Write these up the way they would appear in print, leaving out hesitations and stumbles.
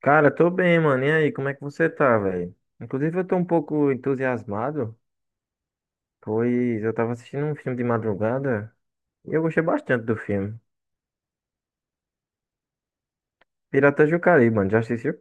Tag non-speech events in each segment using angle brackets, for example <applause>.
Cara, tô bem, mano. E aí, como é que você tá, velho? Inclusive, eu tô um pouco entusiasmado, pois eu tava assistindo um filme de madrugada e eu gostei bastante do filme. Piratas do Caribe, mano. Já assistiu?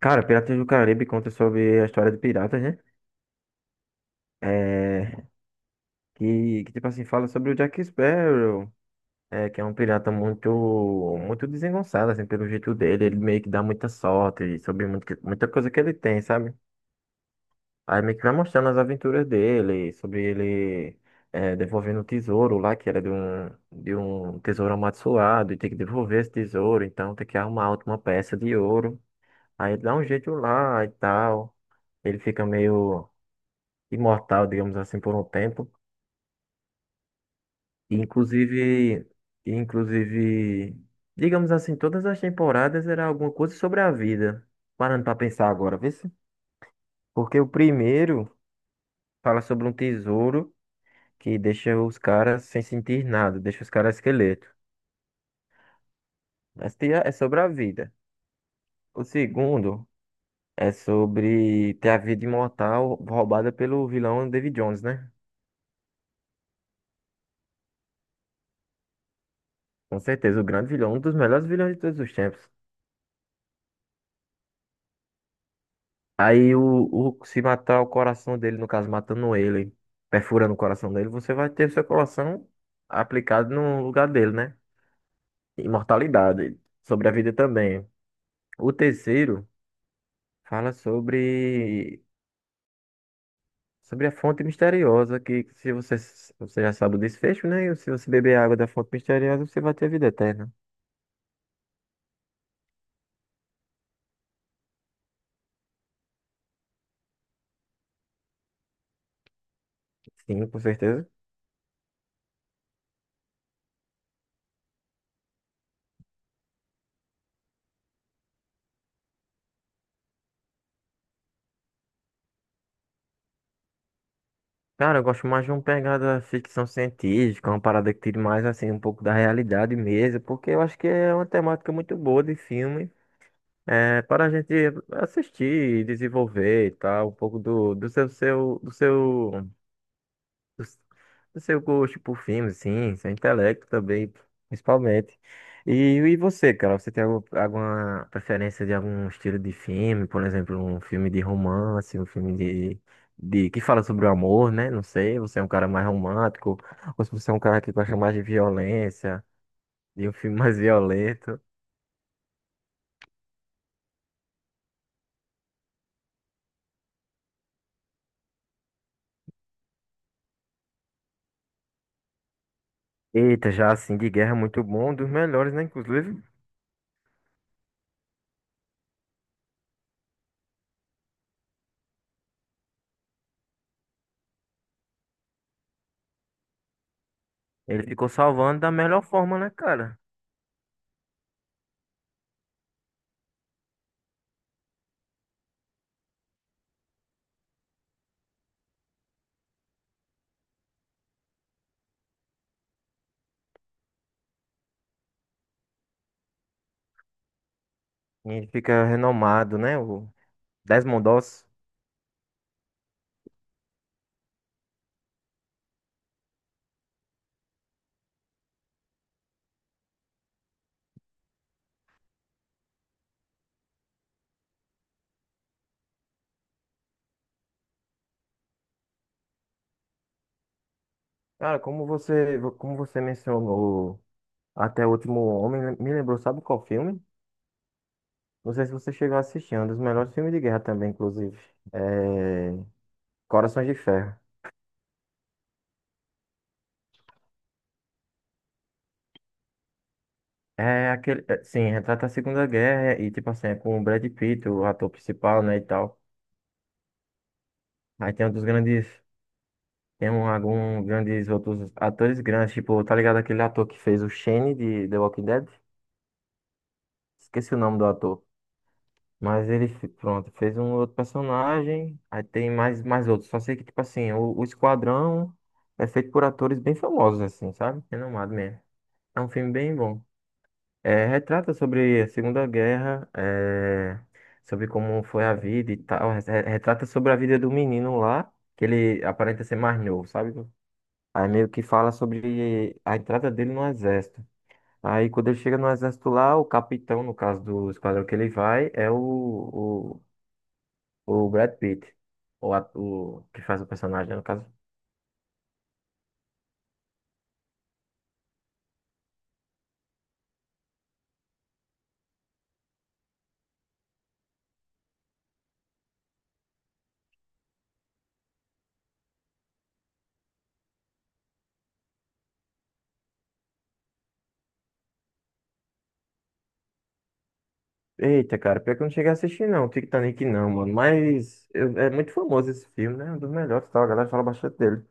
Cara, Piratas do Caribe conta sobre a história de piratas, né? É, que, tipo assim, fala sobre o Jack Sparrow, é, que é um pirata muito desengonçado, assim, pelo jeito dele. Ele meio que dá muita sorte sobre muito, muita coisa que ele tem, sabe? Aí meio que vai mostrando as aventuras dele, sobre ele devolvendo o tesouro lá, que era de um tesouro amaldiçoado, e tem que devolver esse tesouro, então tem que arrumar outra uma peça de ouro. Aí ele dá um jeito lá e tal. Ele fica meio imortal, digamos assim, por um tempo. E, inclusive, e, inclusive, digamos assim, todas as temporadas era alguma coisa sobre a vida. Parando pra pensar agora, vê se. Porque o primeiro fala sobre um tesouro, que deixa os caras sem sentir nada, deixa os caras esqueleto. Esse dia é sobre a vida. O segundo é sobre ter a vida imortal roubada pelo vilão David Jones, né? Com certeza, o grande vilão, um dos melhores vilões de todos os tempos. Aí o, Se matar o coração dele, no caso, matando ele, perfurando o coração dele, você vai ter o seu coração aplicado no lugar dele, né? Imortalidade, sobre a vida também. O terceiro fala sobre sobre a fonte misteriosa, que se você, você já sabe o desfecho, né? E se você beber água da fonte misteriosa, você vai ter vida eterna. Sim, com certeza. Cara, eu gosto mais de uma pegada ficção científica, uma parada que tire mais, assim, um pouco da realidade mesmo, porque eu acho que é uma temática muito boa de filme, é, para a gente assistir, desenvolver e tal, um pouco do seu gosto por filmes, sim, seu intelecto também, principalmente. E, e você, cara, você tem alguma preferência de algum estilo de filme? Por exemplo, um filme de romance, um filme de que fala sobre o amor, né? Não sei, você é um cara mais romântico, ou se você é um cara que gosta mais de violência, de um filme <laughs> mais violento. Eita, já assim, de guerra é muito bom, um dos melhores, né? Inclusive, ele ficou salvando da melhor forma, né, cara? E ele fica renomado, né? O Desmond Doss. Cara, como você mencionou Até o Último Homem, né, me lembrou, sabe qual filme? Não sei se você chegou a assistir, é um dos melhores filmes de guerra também, inclusive. É... Corações de Ferro. É aquele, é, sim, retrata a Segunda Guerra e, tipo assim, é com o Brad Pitt, o ator principal, né, e tal. Aí tem um dos grandes, Tem um, algum grandes outros atores grandes, tipo, tá ligado aquele ator que fez o Shane de The Walking Dead? Esqueci o nome do ator. Mas pronto, fez um outro personagem, aí tem mais outros. Só sei que, tipo assim, o Esquadrão é feito por atores bem famosos, assim, sabe? Renomado mesmo. É um filme bem bom. É, retrata sobre a Segunda Guerra, é, sobre como foi a vida e tal. Retrata sobre a vida do menino lá, que ele aparenta ser mais novo, sabe? Aí meio que fala sobre a entrada dele no exército. Aí quando ele chega no exército lá, o capitão, no caso do esquadrão que ele vai, é o Brad Pitt, o que faz o personagem, né, no caso. Eita, cara, pior que eu não cheguei a assistir, não. O Titanic não, mano. É muito famoso esse filme, né? É um dos melhores, e tal. A galera fala bastante dele.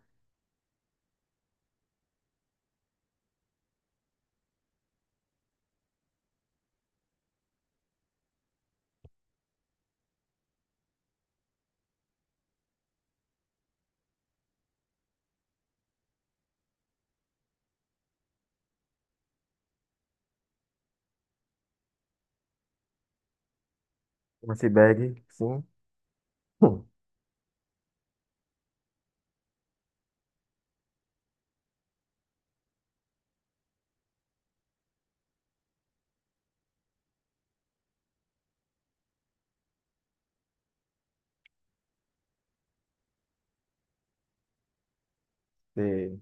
Um iceberg, sim. Hum. E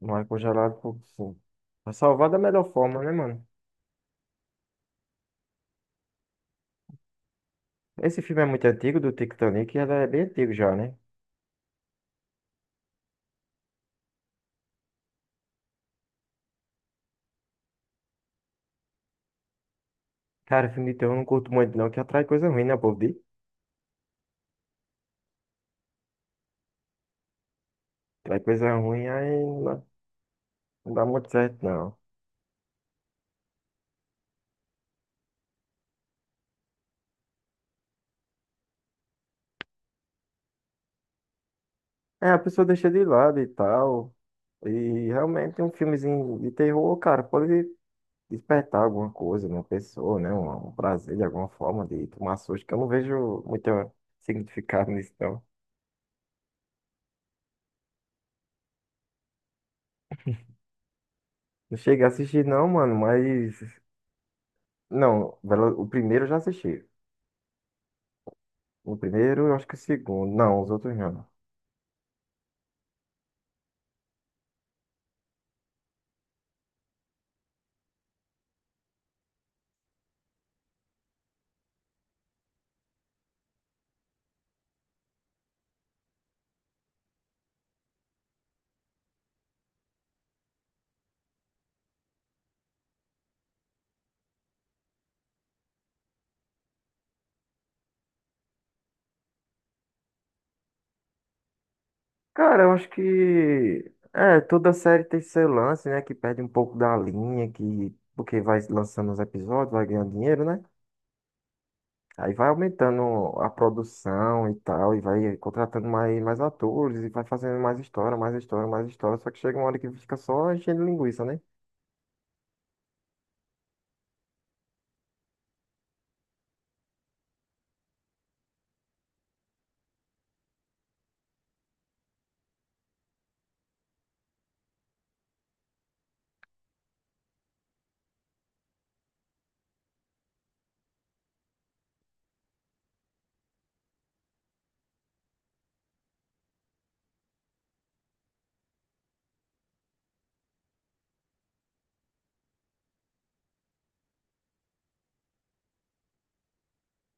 não é congelado, por sim. Pra salvar da melhor forma, né, mano? Esse filme é muito antigo, do Titanic, e ela é bem antigo já, né? Cara, filme de terror eu não curto muito, não, que atrai coisa ruim, né, povo? Atrai coisa ruim, aí não dá muito certo, não. É, a pessoa deixa de lado e tal. E realmente um filmezinho de terror, cara, pode despertar alguma coisa na pessoa, né? Um prazer de alguma forma de tomar susto, que eu não vejo muito significado <laughs> nisso, não. Não cheguei a assistir, não, mano, mas. Não, o primeiro eu já assisti. O primeiro, eu acho que o segundo. Não, os outros não. Cara, eu acho que. É, toda série tem seu lance, né? Que perde um pouco da linha, que. Porque vai lançando os episódios, vai ganhando dinheiro, né? Aí vai aumentando a produção e tal, e vai contratando mais atores, e vai fazendo mais história, mais história, mais história. Só que chega uma hora que fica só enchendo linguiça, né?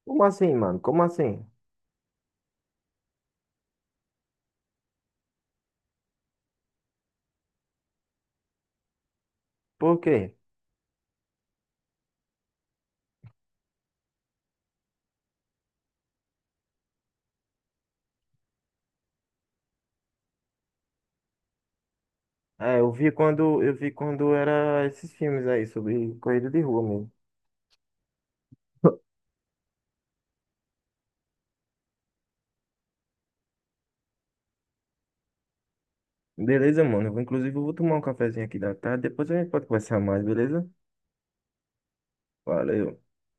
Como assim, mano? Como assim? Por quê? É, eu vi quando era esses filmes aí, sobre corrida de rua mesmo. <laughs> Beleza, mano? Inclusive, eu vou tomar um cafezinho aqui da tarde, depois a gente pode conversar mais, beleza? Valeu.